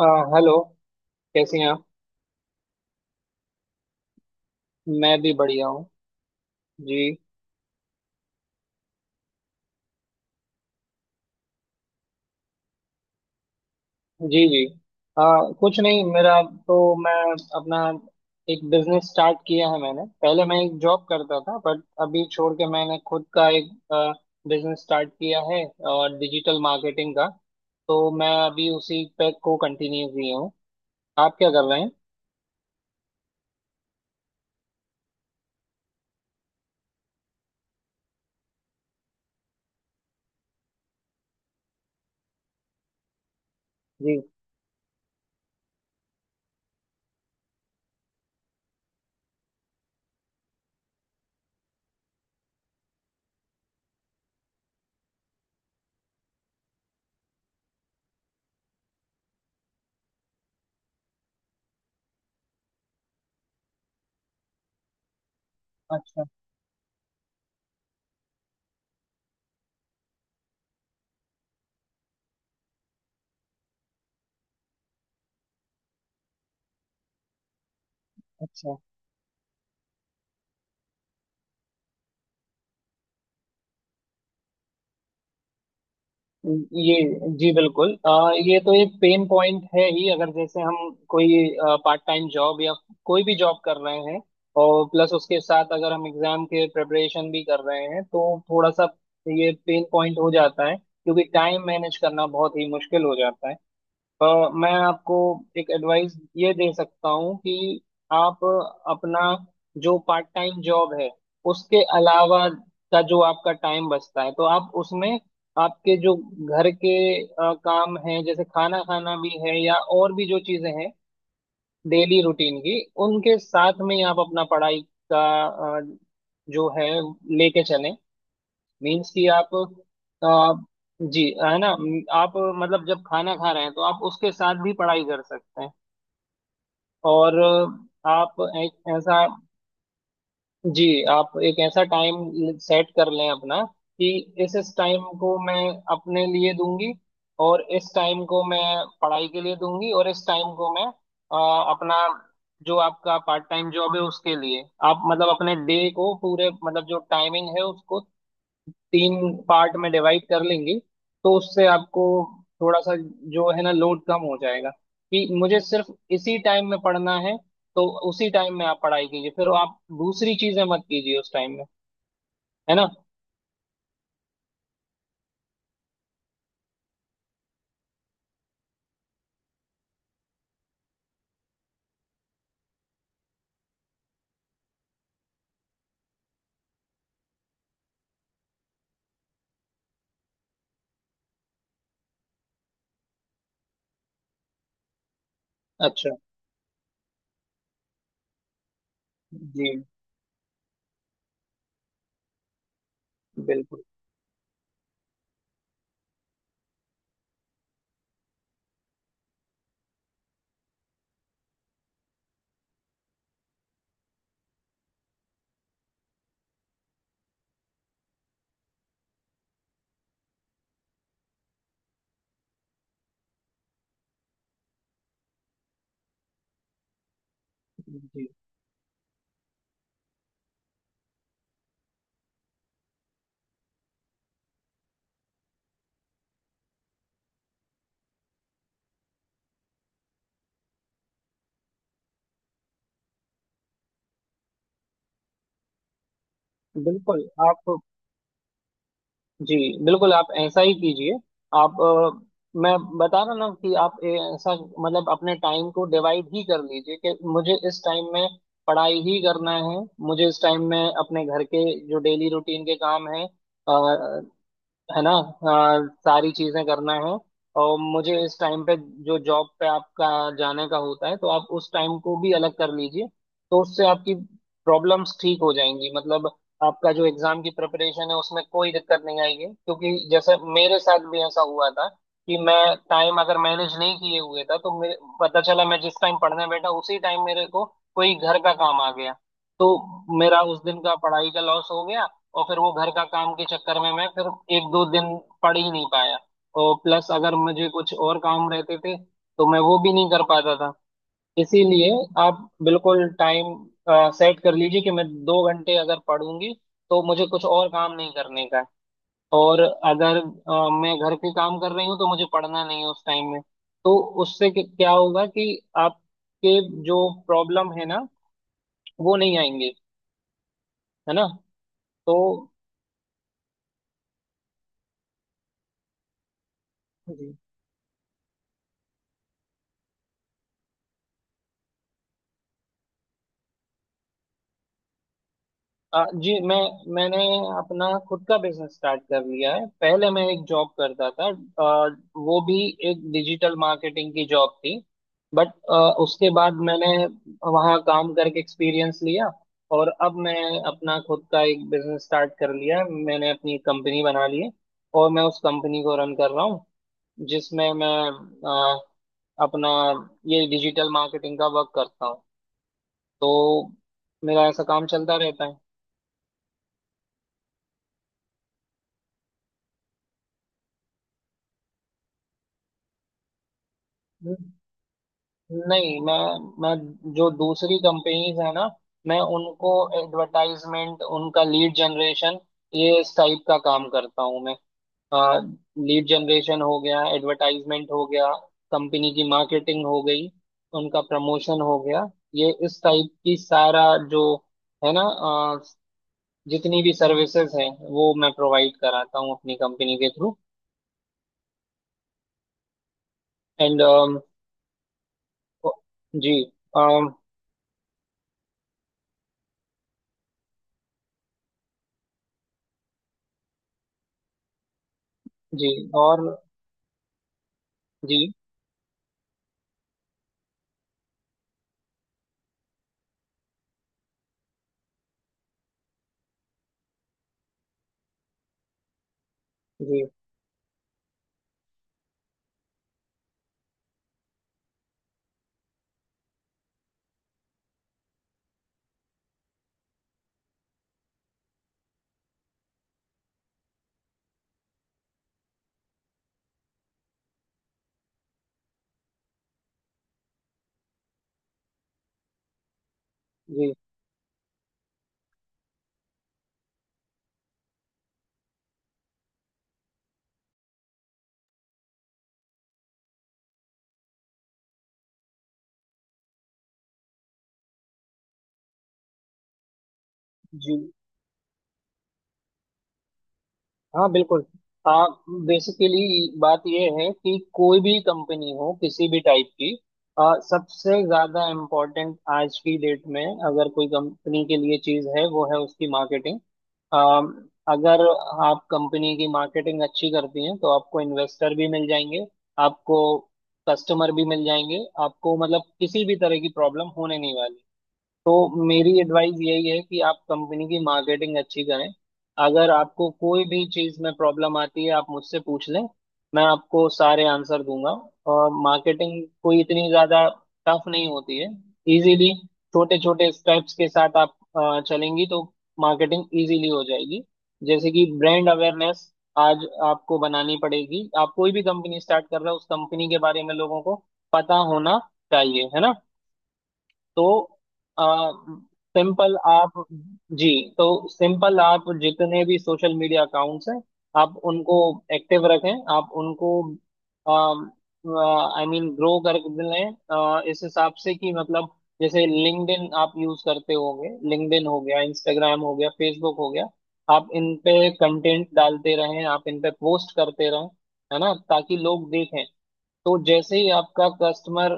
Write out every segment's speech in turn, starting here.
आ, hello. कैसी हैं आप? मैं भी बढ़िया हूँ जी। जी। आ, कुछ नहीं, मेरा तो मैं अपना एक बिजनेस स्टार्ट किया है। मैंने पहले मैं एक जॉब करता था, बट अभी छोड़ के मैंने खुद का एक बिजनेस स्टार्ट किया है, और डिजिटल मार्केटिंग का। तो मैं अभी उसी पे को कंटिन्यू किया हूँ। आप क्या कर रहे हैं? जी। अच्छा। अच्छा, ये जी बिल्कुल। ये तो एक पेन पॉइंट है ही, अगर जैसे हम कोई पार्ट टाइम जॉब या कोई भी जॉब कर रहे हैं, और प्लस उसके साथ अगर हम एग्जाम के प्रिपरेशन भी कर रहे हैं, तो थोड़ा सा ये पेन पॉइंट हो जाता है, क्योंकि टाइम मैनेज करना बहुत ही मुश्किल हो जाता है। अ, मैं आपको एक एडवाइस ये दे सकता हूँ कि आप अपना जो पार्ट टाइम जॉब है, उसके अलावा का जो आपका टाइम बचता है, तो आप उसमें आपके जो घर के काम हैं, जैसे खाना खाना भी है या और भी जो चीजें हैं डेली रूटीन की, उनके साथ में ही आप अपना पढ़ाई का अ, जो है लेके चलें। मीन्स कि आप आ, जी है ना। आप मतलब जब खाना खा रहे हैं, तो आप उसके साथ भी पढ़ाई कर सकते हैं। और आप एक जी ऐसा टाइम सेट कर लें अपना कि इस टाइम को मैं अपने लिए दूंगी, और इस टाइम को मैं पढ़ाई के लिए दूंगी, और इस टाइम को मैं अपना जो आपका पार्ट टाइम जॉब है उसके लिए। आप मतलब अपने डे को पूरे, मतलब जो टाइमिंग है उसको तीन पार्ट में डिवाइड कर लेंगे, तो उससे आपको थोड़ा सा जो है ना, लोड कम हो जाएगा कि मुझे सिर्फ इसी टाइम में पढ़ना है। तो उसी टाइम में आप पढ़ाई कीजिए, फिर आप दूसरी चीजें मत कीजिए उस टाइम में। है ना? अच्छा जी बिल्कुल। जी बिल्कुल आप जी बिल्कुल, आप ऐसा ही कीजिए। आप मैं बता रहा ना कि आप ऐसा मतलब अपने टाइम को डिवाइड ही कर लीजिए कि मुझे इस टाइम में पढ़ाई ही करना है, मुझे इस टाइम में अपने घर के जो डेली रूटीन के काम है ना, सारी चीजें करना है। और मुझे इस टाइम पे जो जॉब पे आपका जाने का होता है, तो आप उस टाइम को भी अलग कर लीजिए। तो उससे आपकी प्रॉब्लम्स ठीक हो जाएंगी, मतलब आपका जो एग्जाम की प्रिपरेशन है उसमें कोई दिक्कत नहीं आएगी। क्योंकि जैसे मेरे साथ भी ऐसा हुआ था कि मैं टाइम अगर मैनेज नहीं किए हुए था, तो मेरे पता चला मैं जिस टाइम पढ़ने बैठा उसी टाइम मेरे को कोई घर का काम आ गया, तो मेरा उस दिन का पढ़ाई का लॉस हो गया। और फिर वो घर का काम के चक्कर में मैं फिर एक दो दिन पढ़ ही नहीं पाया। और प्लस अगर मुझे कुछ और काम रहते थे, तो मैं वो भी नहीं कर पाता था। इसीलिए आप बिल्कुल टाइम सेट कर लीजिए कि मैं दो घंटे अगर पढ़ूंगी, तो मुझे कुछ और काम नहीं करने का है। और अगर मैं घर के काम कर रही हूँ, तो मुझे पढ़ना नहीं है उस टाइम में। तो उससे क्या होगा कि आपके जो प्रॉब्लम है ना, वो नहीं आएंगे। है ना? तो जी। जी, मैंने अपना खुद का बिजनेस स्टार्ट कर लिया है। पहले मैं एक जॉब करता था, आ, वो भी एक डिजिटल मार्केटिंग की जॉब थी, बट उसके बाद मैंने वहाँ काम करके एक्सपीरियंस लिया, और अब मैं अपना खुद का एक बिजनेस स्टार्ट कर लिया है। मैंने अपनी कंपनी बना ली है, और मैं उस कंपनी को रन कर रहा हूँ, जिसमें मैं आ, अपना ये डिजिटल मार्केटिंग का वर्क करता हूँ। तो मेरा ऐसा काम चलता रहता है। नहीं, मैं जो दूसरी कंपनीज है ना, मैं उनको एडवर्टाइजमेंट, उनका लीड जनरेशन, ये इस टाइप का काम करता हूँ मैं। लीड जनरेशन हो गया, एडवर्टाइजमेंट हो गया, कंपनी की मार्केटिंग हो गई, उनका प्रमोशन हो गया, ये इस टाइप की सारा जो है ना, जितनी भी सर्विसेज हैं वो मैं प्रोवाइड कराता हूँ अपनी कंपनी के थ्रू। एंड जी। अम, जी। और जी। जी। जी जी। हाँ, बिल्कुल। आप बेसिकली बात यह है कि कोई भी कंपनी हो किसी भी टाइप की, सबसे ज्यादा इम्पोर्टेंट आज की डेट में अगर कोई कंपनी के लिए चीज है, वो है उसकी मार्केटिंग। अगर आप कंपनी की मार्केटिंग अच्छी करती हैं, तो आपको इन्वेस्टर भी मिल जाएंगे, आपको कस्टमर भी मिल जाएंगे, आपको मतलब किसी भी तरह की प्रॉब्लम होने नहीं वाली। तो मेरी एडवाइस यही है कि आप कंपनी की मार्केटिंग अच्छी करें। अगर आपको कोई भी चीज़ में प्रॉब्लम आती है, आप मुझसे पूछ लें, मैं आपको सारे आंसर दूंगा। और मार्केटिंग कोई इतनी ज़्यादा टफ नहीं होती है, इजीली छोटे छोटे स्टेप्स के साथ आप चलेंगी तो मार्केटिंग इजीली हो जाएगी। जैसे कि ब्रांड अवेयरनेस आज आपको बनानी पड़ेगी। आप कोई भी कंपनी स्टार्ट कर रहे हो, उस कंपनी के बारे में लोगों को पता होना चाहिए। है ना? तो सिंपल आप जी तो सिंपल आप जितने भी सोशल मीडिया अकाउंट्स हैं, आप उनको एक्टिव रखें, आप उनको आई मीन ग्रो कर लें इस हिसाब से कि मतलब जैसे लिंक्डइन आप यूज करते होंगे, लिंक्डइन हो गया, इंस्टाग्राम हो गया, फेसबुक हो गया, आप इन पे कंटेंट डालते रहें, आप इन पे पोस्ट करते रहें, है ना, ताकि लोग देखें। तो जैसे ही आपका कस्टमर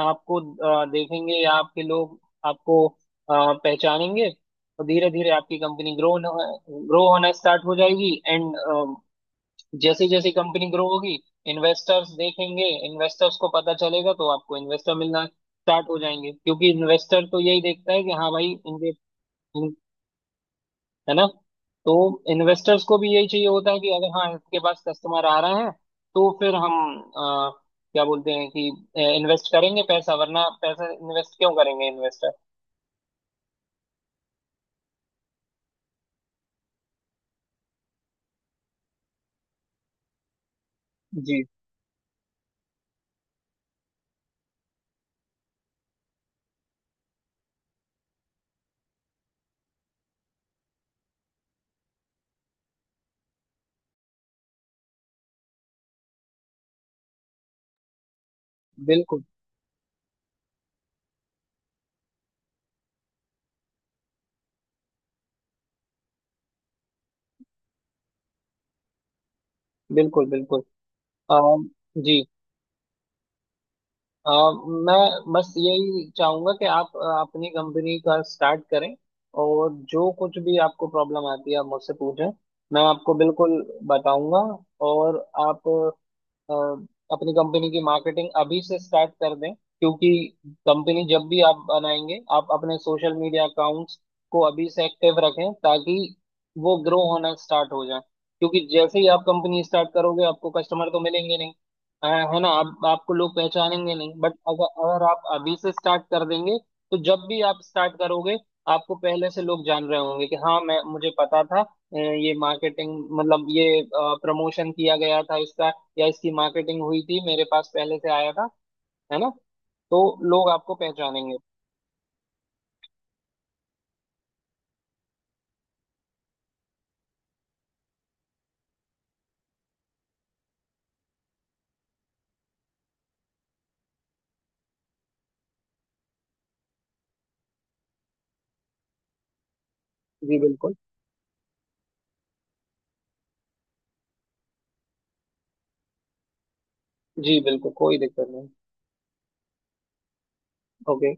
आपको देखेंगे, या आपके लोग आपको पहचानेंगे, तो धीरे धीरे आपकी कंपनी ग्रो ग्रो होना स्टार्ट हो जाएगी। एंड जैसे जैसे कंपनी ग्रो होगी, इन्वेस्टर्स देखेंगे, इन्वेस्टर्स को पता चलेगा, तो आपको इन्वेस्टर मिलना स्टार्ट हो जाएंगे। क्योंकि इन्वेस्टर तो यही देखता है कि हाँ भाई इनके, है ना, तो इन्वेस्टर्स को भी यही चाहिए होता है कि अगर हाँ इसके पास कस्टमर आ रहा है, तो फिर हम अ, क्या बोलते हैं कि इन्वेस्ट करेंगे पैसा, वरना पैसा इन्वेस्ट क्यों करेंगे इन्वेस्टर। जी बिल्कुल। बिल्कुल। बिल्कुल। अम, जी। अम, मैं बस यही चाहूंगा कि आप अपनी कंपनी का स्टार्ट करें, और जो कुछ भी आपको प्रॉब्लम आती है आप मुझसे पूछें, मैं आपको बिल्कुल बताऊंगा। और आप अ, अपनी कंपनी की मार्केटिंग अभी से स्टार्ट कर दें, क्योंकि कंपनी जब भी आप बनाएंगे, आप अपने सोशल मीडिया अकाउंट्स को अभी से एक्टिव रखें, ताकि वो ग्रो होना स्टार्ट हो जाए। क्योंकि जैसे ही आप कंपनी स्टार्ट करोगे आपको कस्टमर तो मिलेंगे नहीं, अ, है ना, आप आपको लोग पहचानेंगे नहीं, बट अगर अगर आप अभी से स्टार्ट कर देंगे, तो जब भी आप स्टार्ट करोगे आपको पहले से लोग जान रहे होंगे कि हाँ मैं मुझे पता था। ये मार्केटिंग मतलब ये प्रमोशन किया गया था इसका, या इसकी मार्केटिंग हुई थी, मेरे पास पहले से आया था। है ना? तो लोग आपको पहचानेंगे। जी बिल्कुल। जी बिल्कुल, कोई दिक्कत नहीं। ओके।